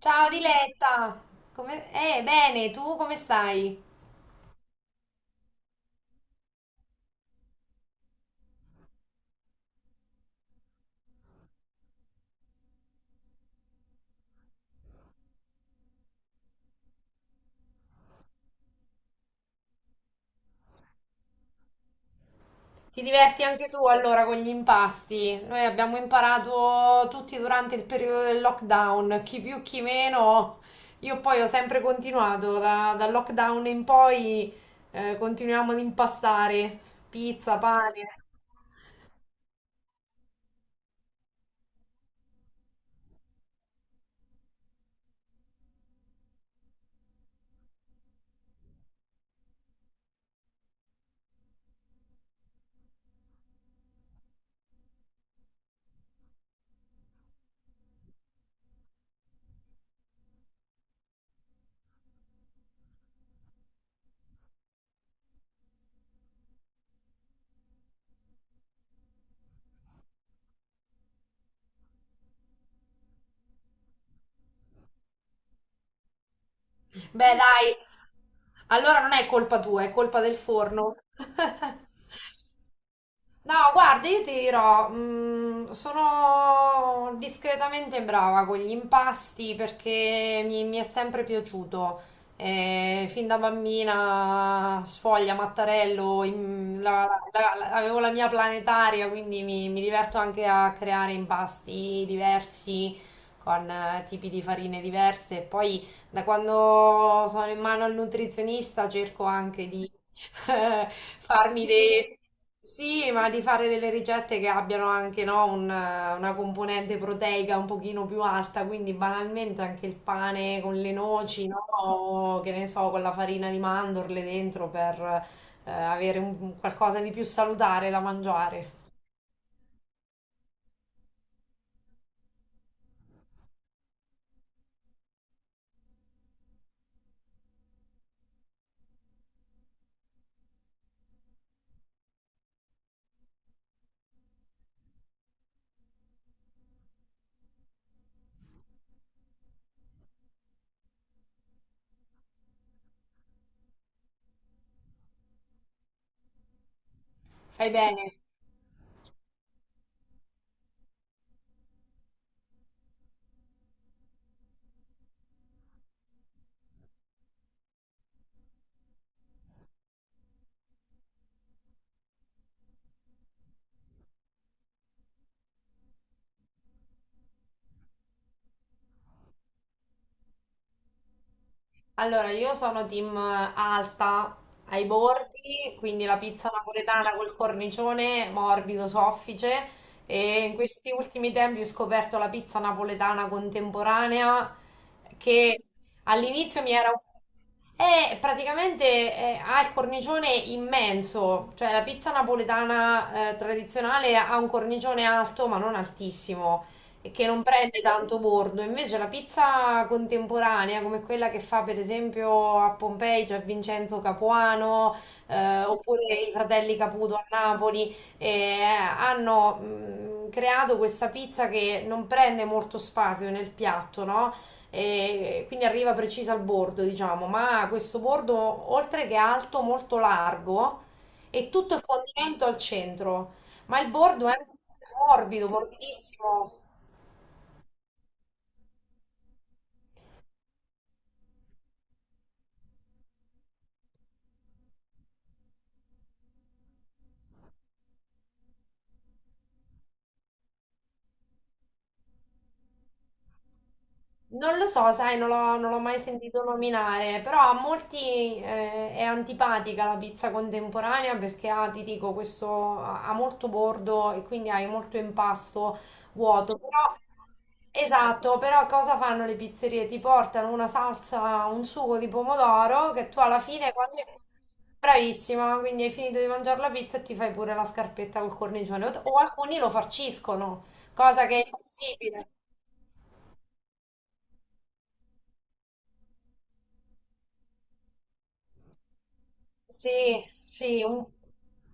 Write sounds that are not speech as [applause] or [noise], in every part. Ciao Diletta, come... bene, tu come stai? Ti diverti anche tu allora con gli impasti? Noi abbiamo imparato tutti durante il periodo del lockdown, chi più chi meno. Io poi ho sempre continuato, dal lockdown in poi, continuiamo ad impastare pizza, pane. Beh, dai, allora non è colpa tua, è colpa del forno. [laughs] No, guarda, io ti dirò, sono discretamente brava con gli impasti perché mi è sempre piaciuto. Fin da bambina, sfoglia, mattarello, avevo la mia planetaria, quindi mi diverto anche a creare impasti diversi con tipi di farine diverse. E poi da quando sono in mano al nutrizionista cerco anche di [laughs] eh, farmi dei... Sì, ma di fare delle ricette che abbiano anche, no, una componente proteica un pochino più alta, quindi banalmente anche il pane con le noci, no? O, che ne so, con la farina di mandorle dentro per avere qualcosa di più salutare da mangiare. Fai bene. Allora, io sono team alta ai bordi, quindi la pizza napoletana col cornicione morbido, soffice, e in questi ultimi tempi ho scoperto la pizza napoletana contemporanea che all'inizio mi era... È praticamente, ha il cornicione immenso, cioè la pizza napoletana, tradizionale, ha un cornicione alto ma non altissimo e che non prende tanto bordo. Invece la pizza contemporanea, come quella che fa per esempio a Pompei, c'è Vincenzo Capuano, oppure i fratelli Caputo a Napoli, hanno creato questa pizza che non prende molto spazio nel piatto, no? E quindi arriva precisa al bordo, diciamo, ma questo bordo, oltre che alto, molto largo, e tutto il condimento al centro, ma il bordo è morbido, morbidissimo. Non lo so, sai, non l'ho mai sentito nominare, però a molti è antipatica la pizza contemporanea perché ha, ti dico, questo ha molto bordo e quindi hai molto impasto vuoto. Però, esatto, però cosa fanno le pizzerie? Ti portano una salsa, un sugo di pomodoro che tu alla fine, quando è bravissima, quindi hai finito di mangiare la pizza e ti fai pure la scarpetta col cornicione. O alcuni lo farciscono, cosa che è impossibile. Sì, sì, un,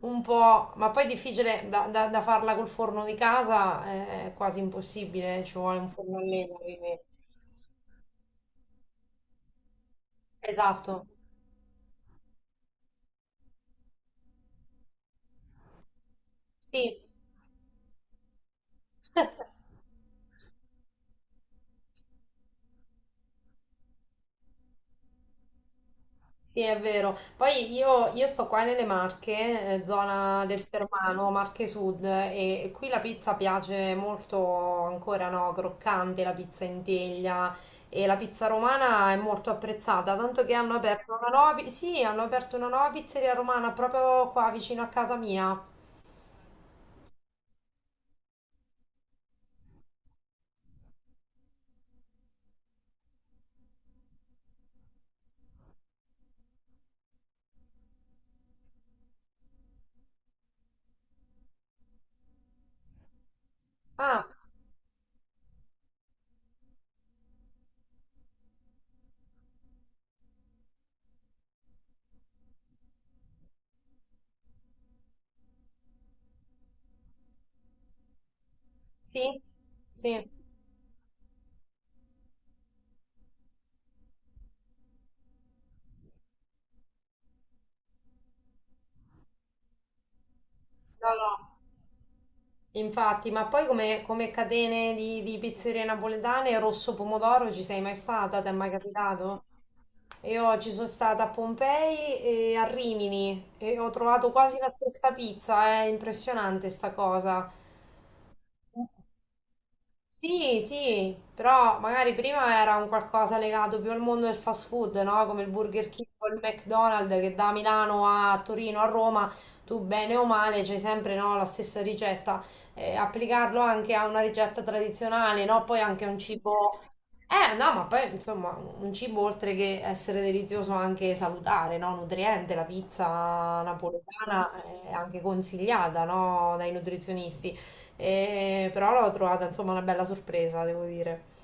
un po', ma poi è difficile da farla col forno di casa, è quasi impossibile, ci vuole un forno a legna, quindi- Esatto, sì. [laughs] Sì, è vero. Poi io sto qua nelle Marche, zona del Fermano, Marche Sud, e qui la pizza piace molto ancora, no? Croccante, la pizza in teglia e la pizza romana è molto apprezzata, tanto che hanno aperto una nuova pizzeria romana proprio qua vicino a casa mia. Ah, sì? Sì. No, no. Infatti, ma poi come catene di pizzerie napoletane, Rosso Pomodoro ci sei mai stata? Ti è mai capitato? Io ci sono stata a Pompei e a Rimini e ho trovato quasi la stessa pizza, è impressionante sta cosa. Sì, sì, però magari prima era un qualcosa legato più al mondo del fast food, no? Come il Burger King o il McDonald's, che da Milano a Torino a Roma, tu bene o male c'hai sempre, no, la stessa ricetta. Applicarlo anche a una ricetta tradizionale, no? Poi anche a un cibo... no, ma poi insomma, un cibo oltre che essere delizioso anche salutare, no? Nutriente, la pizza napoletana è anche consigliata, no? Dai nutrizionisti. Però l'ho trovata insomma una bella sorpresa, devo dire.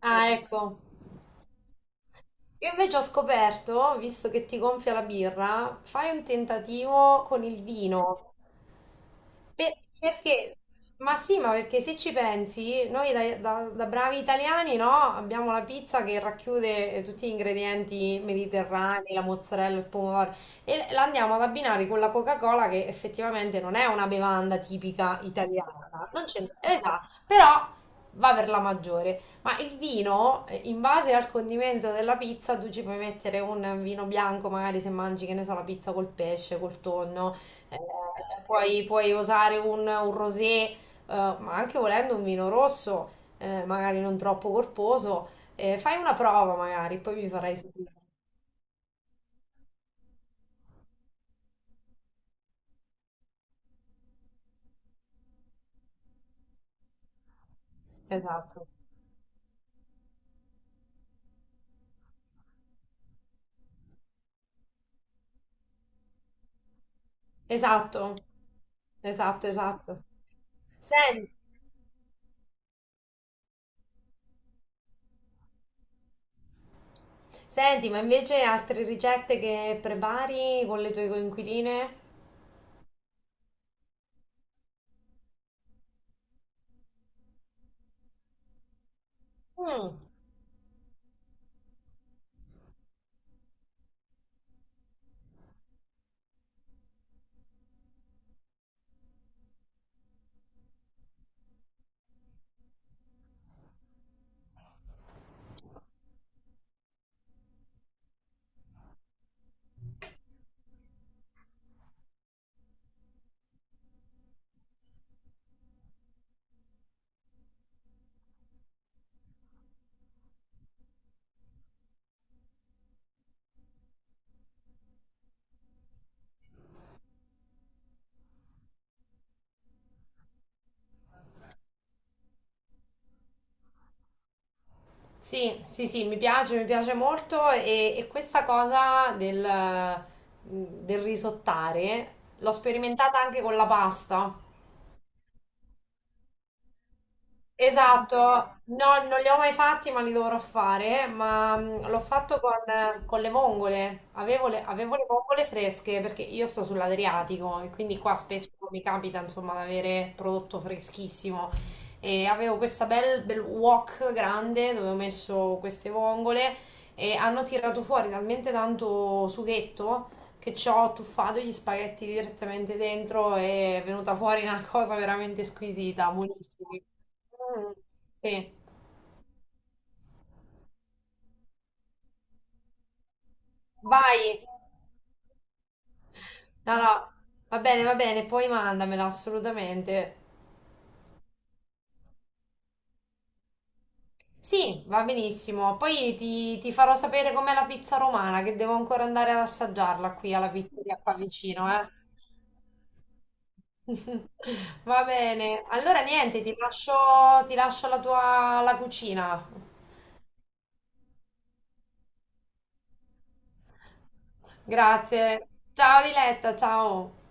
Ah, ecco. Io invece ho scoperto, visto che ti gonfia la birra, fai un tentativo con il vino. Perché? Ma sì, ma perché se ci pensi, noi da bravi italiani, no? Abbiamo la pizza che racchiude tutti gli ingredienti mediterranei, la mozzarella, il pomodoro, e la andiamo ad abbinare con la Coca-Cola, che effettivamente non è una bevanda tipica italiana. Non c'entra, esatto, però va per la maggiore. Ma il vino, in base al condimento della pizza, tu ci puoi mettere un vino bianco, magari se mangi, che ne so, la pizza col pesce, col tonno. Eh, puoi usare un rosé, ma anche volendo un vino rosso, magari non troppo corposo. Fai una prova magari, poi mi farai sapere. Esatto, esatto, esatto, esatto. Sen- Senti, ma invece altre ricette che prepari con le tue coinquiline? Mm. Sì, sì, sì, mi piace molto e questa cosa del risottare l'ho sperimentata anche con la pasta. Esatto, no, non li ho mai fatti, ma li dovrò fare. Ma l'ho fatto con le vongole. Avevo le vongole fresche perché io sto sull'Adriatico e quindi qua spesso mi capita, insomma, di avere prodotto freschissimo. E avevo questa bel wok grande dove ho messo queste vongole, e hanno tirato fuori talmente tanto sughetto che ci ho tuffato gli spaghetti direttamente dentro e è venuta fuori una [laughs] cosa veramente squisita, buonissima. Mm, sì, vai. No, no, va bene, poi mandamela assolutamente. Sì, va benissimo. Poi ti farò sapere com'è la pizza romana, che devo ancora andare ad assaggiarla qui alla pizzeria qua vicino, eh. [laughs] Va bene. Allora niente, ti lascio la cucina. Grazie. Ciao Diletta, ciao.